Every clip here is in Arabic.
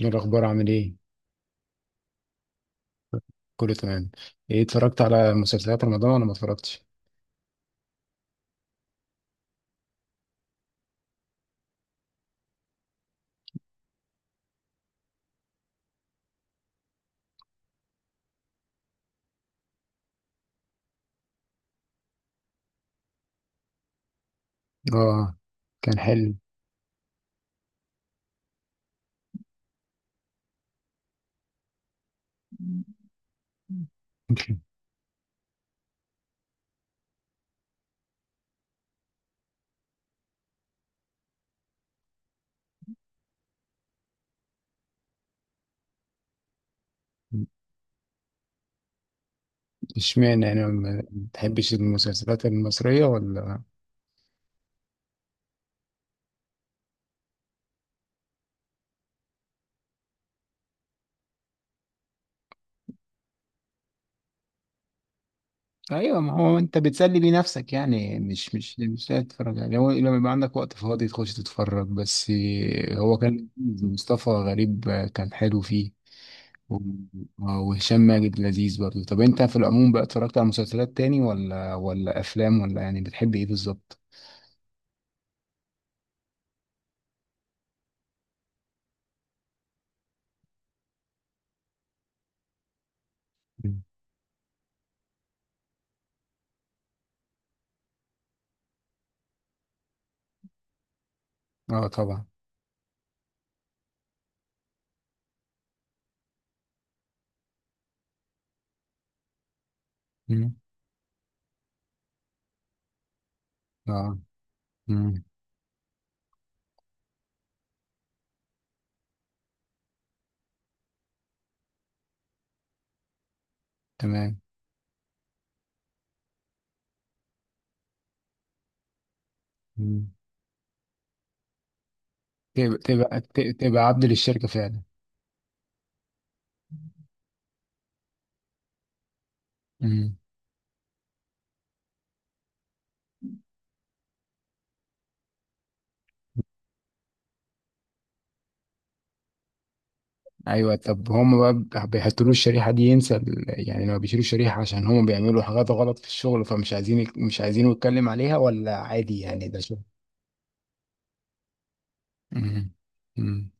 إيه الأخبار، عامل إيه؟ كله تمام. إيه، اتفرجت على مسلسلات رمضان ولا ما اتفرجتش؟ آه، كان حلو. اشمعنى؟ يعني ما بتحبش المسلسلات المصرية، ولا؟ أيوة، ما هو أنت بتسلي بيه نفسك يعني، مش لا تتفرج يعني، هو لما يبقى عندك وقت فاضي تخش تتفرج بس. إيه، هو كان مصطفى غريب، كان حلو فيه. و- وهشام ماجد لذيذ برضه. طب أنت في العموم بقى، اتفرجت على مسلسلات تاني ولا أفلام، ولا يعني بتحب إيه بالظبط؟ اه طبعا. مم. اه. مم. تمام. مم. تبقى تبقى تبقى عبد للشركة فعلا. مم. ايوه، طب هم بقى بيحطوا له الشريحة دي، ينسى يعني لما بيشيلوا الشريحة عشان هم بيعملوا حاجات غلط في الشغل، فمش عايزين مش عايزينه يتكلم عليها، ولا عادي يعني ده شغل؟ مم. مم.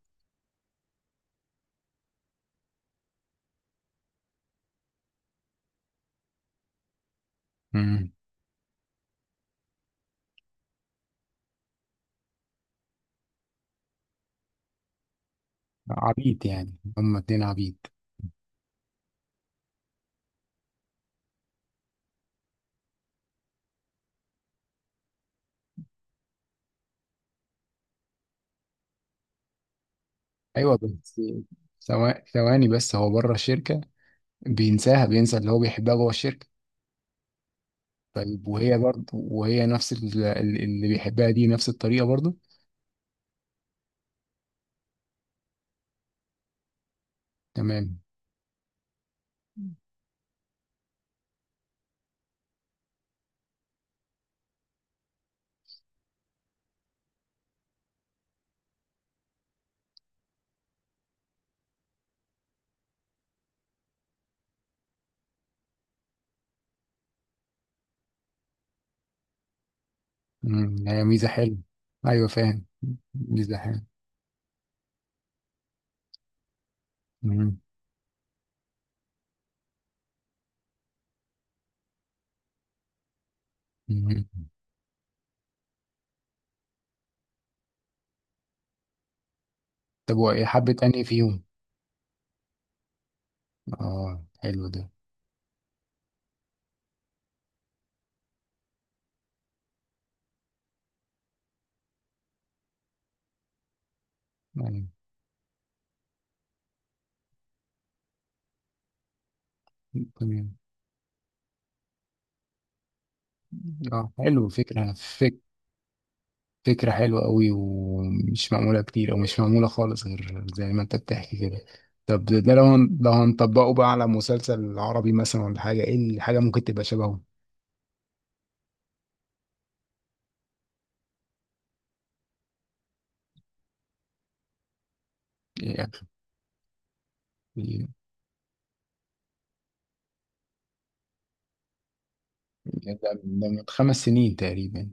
مم. عبيط، يعني هم اتنين عبيط. ايوه بس، ثواني بس، هو بره الشركة بينساها، بينسى اللي هو بيحبها جوه الشركة. طيب وهي برضه، وهي نفس اللي بيحبها دي، نفس الطريقة برضه؟ تمام. مم. هي ميزة حلوة. أيوة فاهم. ميزة حلوة. مم. مم. طب، وإيه حبة أنهي فيهم؟ آه حلو ده. يعني تمام. آه حلو، فكرة حلوة أوي، ومش معمولة كتير، أو مش معمولة خالص غير زي ما أنت بتحكي كده. طب ده لو هنطبقه بقى على مسلسل عربي مثلا، ولا حاجة؟ إيه الحاجة ممكن تبقى شبهه؟ إيه. ده من 5 سنين تقريبا.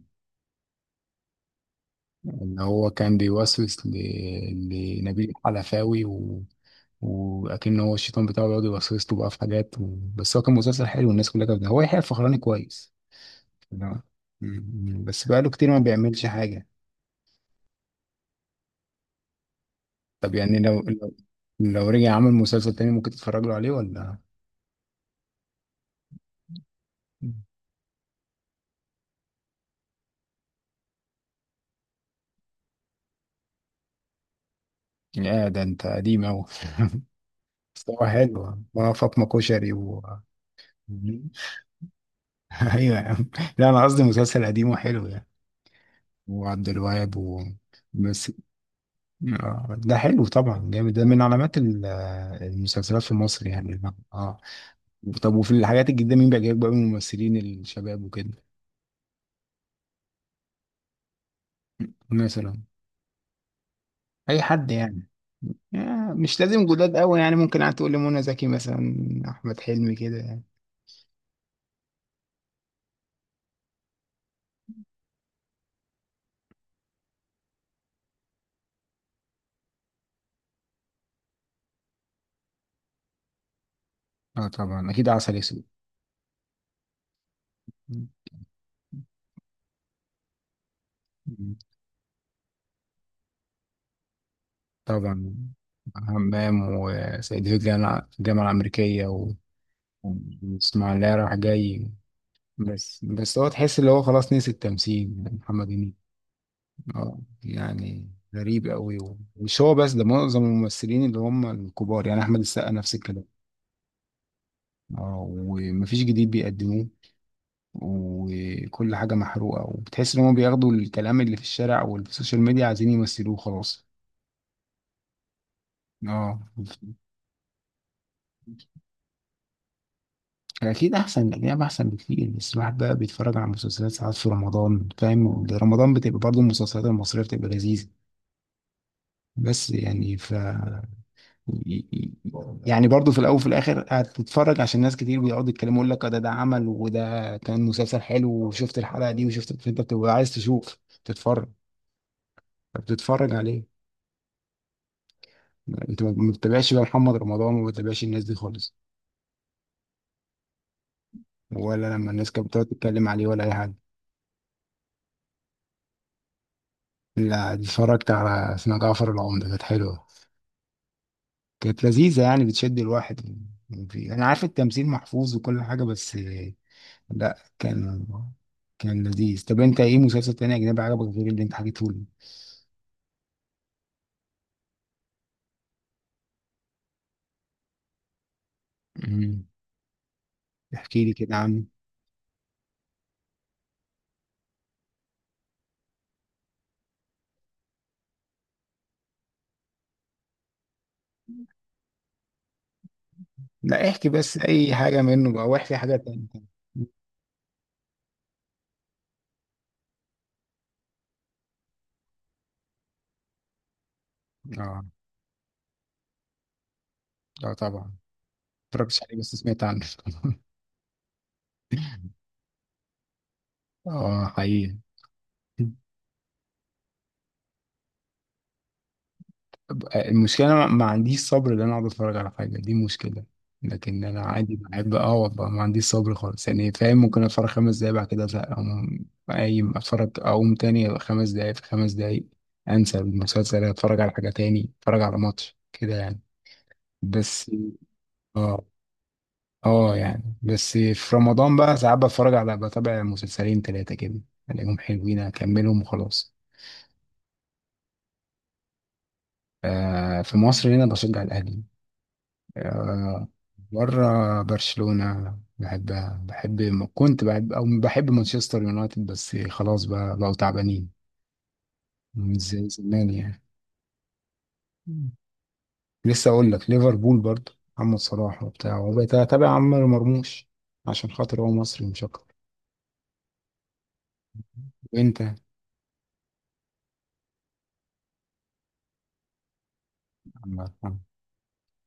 ان هو كان بيوسوس لنبيل حلفاوي. واكن هو الشيطان بتاعه بيقعد يوسوس له بقى في حاجات. بس هو كان مسلسل حلو، والناس كلها كانت، هو يحيى الفخراني كويس. لا. بس بقاله كتير ما بيعملش حاجة. طب يعني لو رجع عمل مسلسل تاني ممكن تتفرج له عليه، ولا؟ يا ده انت قديم اوي. بس هو حلو، ما فاطمة كشري. ايوه يا عم. لا، انا قصدي مسلسل قديم وحلو يعني. وعبد الوهاب. بس. آه، ده حلو طبعا، جامد ده من علامات المسلسلات في مصر يعني. اه. طب، وفي الحاجات الجديدة مين بيعجبك بقى من الممثلين الشباب وكده؟ مثلا، اي حد يعني. آه، مش لازم جداد قوي يعني. ممكن قاعد تقول لي منى زكي مثلا، احمد حلمي كده يعني. اه طبعا، اكيد عسل اسود. م- طبعا. همام وسيد في الجامعة الأمريكية، واسماعيلية رايح جاي. بس هو تحس اللي هو خلاص نسي التمثيل يعني، محمد هنيدي. اه يعني، غريب قوي. مش هو بس، ده معظم الممثلين اللي هم الكبار يعني، احمد السقا نفس الكلام. اه، ومفيش جديد بيقدموه، وكل حاجه محروقه، وبتحس ان هم بياخدوا الكلام اللي في الشارع واللي في السوشيال ميديا عايزين يمثلوه خلاص. اه اكيد، احسن الاجنبي احسن بكتير، بس الواحد بقى بيتفرج على مسلسلات ساعات في رمضان فاهم. رمضان بتبقى برضه المسلسلات المصريه بتبقى لذيذه، بس يعني، ف يعني برضو في الاول وفي الاخر هتتفرج عشان ناس كتير بيقعدوا يتكلموا، يقول لك آه ده عمل، وده كان مسلسل حلو، وشفت الحلقه دي وشفت، فانت بتبقى عايز تشوف، تتفرج، فبتتفرج عليه. انت ما بتتابعش بقى محمد رمضان، وما بتتابعش الناس دي خالص؟ ولا لما الناس كانت بتقعد تتكلم عليه ولا اي حاجه؟ لا، اتفرجت على اسمها جعفر العمدة، كانت حلوه، كانت لذيذه يعني، بتشد الواحد. انا عارف التمثيل محفوظ وكل حاجه، بس لا، كان لذيذ. طب انت ايه مسلسل تاني اجنبي عجبك غير اللي انت حكيته لي؟ مم. احكي لي كده عنه. لا احكي بس اي حاجه منه بقى، واحكي حاجه تانية. اه اه طبعا، ما اتفرجتش عليه بس سمعت عنه. اه حقيقي. المشكلة أنا ما عنديش صبر إن أنا أقعد أتفرج على حاجة، دي مشكلة. لكن أنا عادي بحب، أه والله ما عنديش صبر خالص يعني فاهم. ممكن أتفرج 5 دقايق بعد كده أزهق أقوم، قايم أتفرج أقوم تاني 5 دقايق، في 5 دقايق أنسى المسلسل، أتفرج على حاجة تاني، أتفرج على ماتش كده يعني. بس أه أه يعني، بس في رمضان بقى ساعات بتفرج على بتابع مسلسلين تلاتة كده، ألاقيهم حلوين أكملهم وخلاص. آه في مصر هنا بشجع الأهلي. آه، بره برشلونة، بحبها. كنت بحب، أو بحب مانشستر يونايتد، بس خلاص بقى بقوا تعبانين، مش زي زمان يعني. مم. لسه أقول لك ليفربول برضه، محمد صلاح وبتاع، وبقيت أتابع عمر مرموش عشان خاطر هو مصري مش أكتر. وأنت، عمار آه.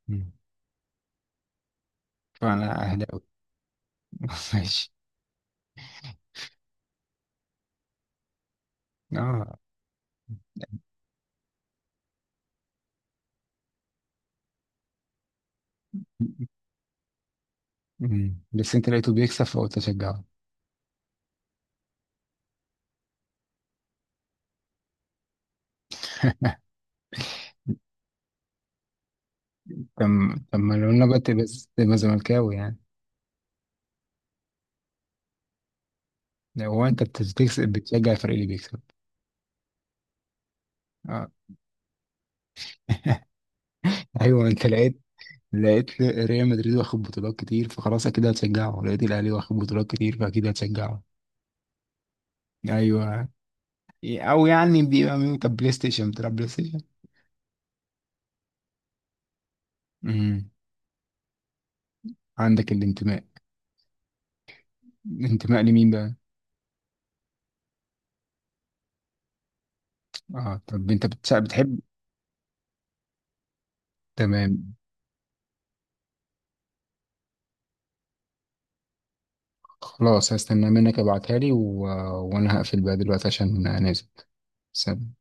مم. فأنا أهلاوي. ماشي. آه. مم. بس أنت لقيته بيكسب فقلت أشجعه. طب طب ما لو أنا بقى، تبقى، تبقى زملكاوي يعني؟ هو انت بتستكسب بتشجع الفريق اللي بيكسب؟ اه. ايوه، انت لقيت، لقيت ريال مدريد واخد بطولات كتير، فخلاص اكيد هتشجعه، لقيت الاهلي واخد بطولات كتير فاكيد هتشجعه. ايوه. او يعني، بيبقى مين طب؟ بلاي ستيشن، بتلعب بلاي ستيشن؟ امم. عندك الانتماء. الانتماء لمين بقى؟ اه طب انت بتحب. تمام. خلاص، هستنى منك ابعتها لي. وانا هقفل بقى دلوقتي عشان نازل. سلام.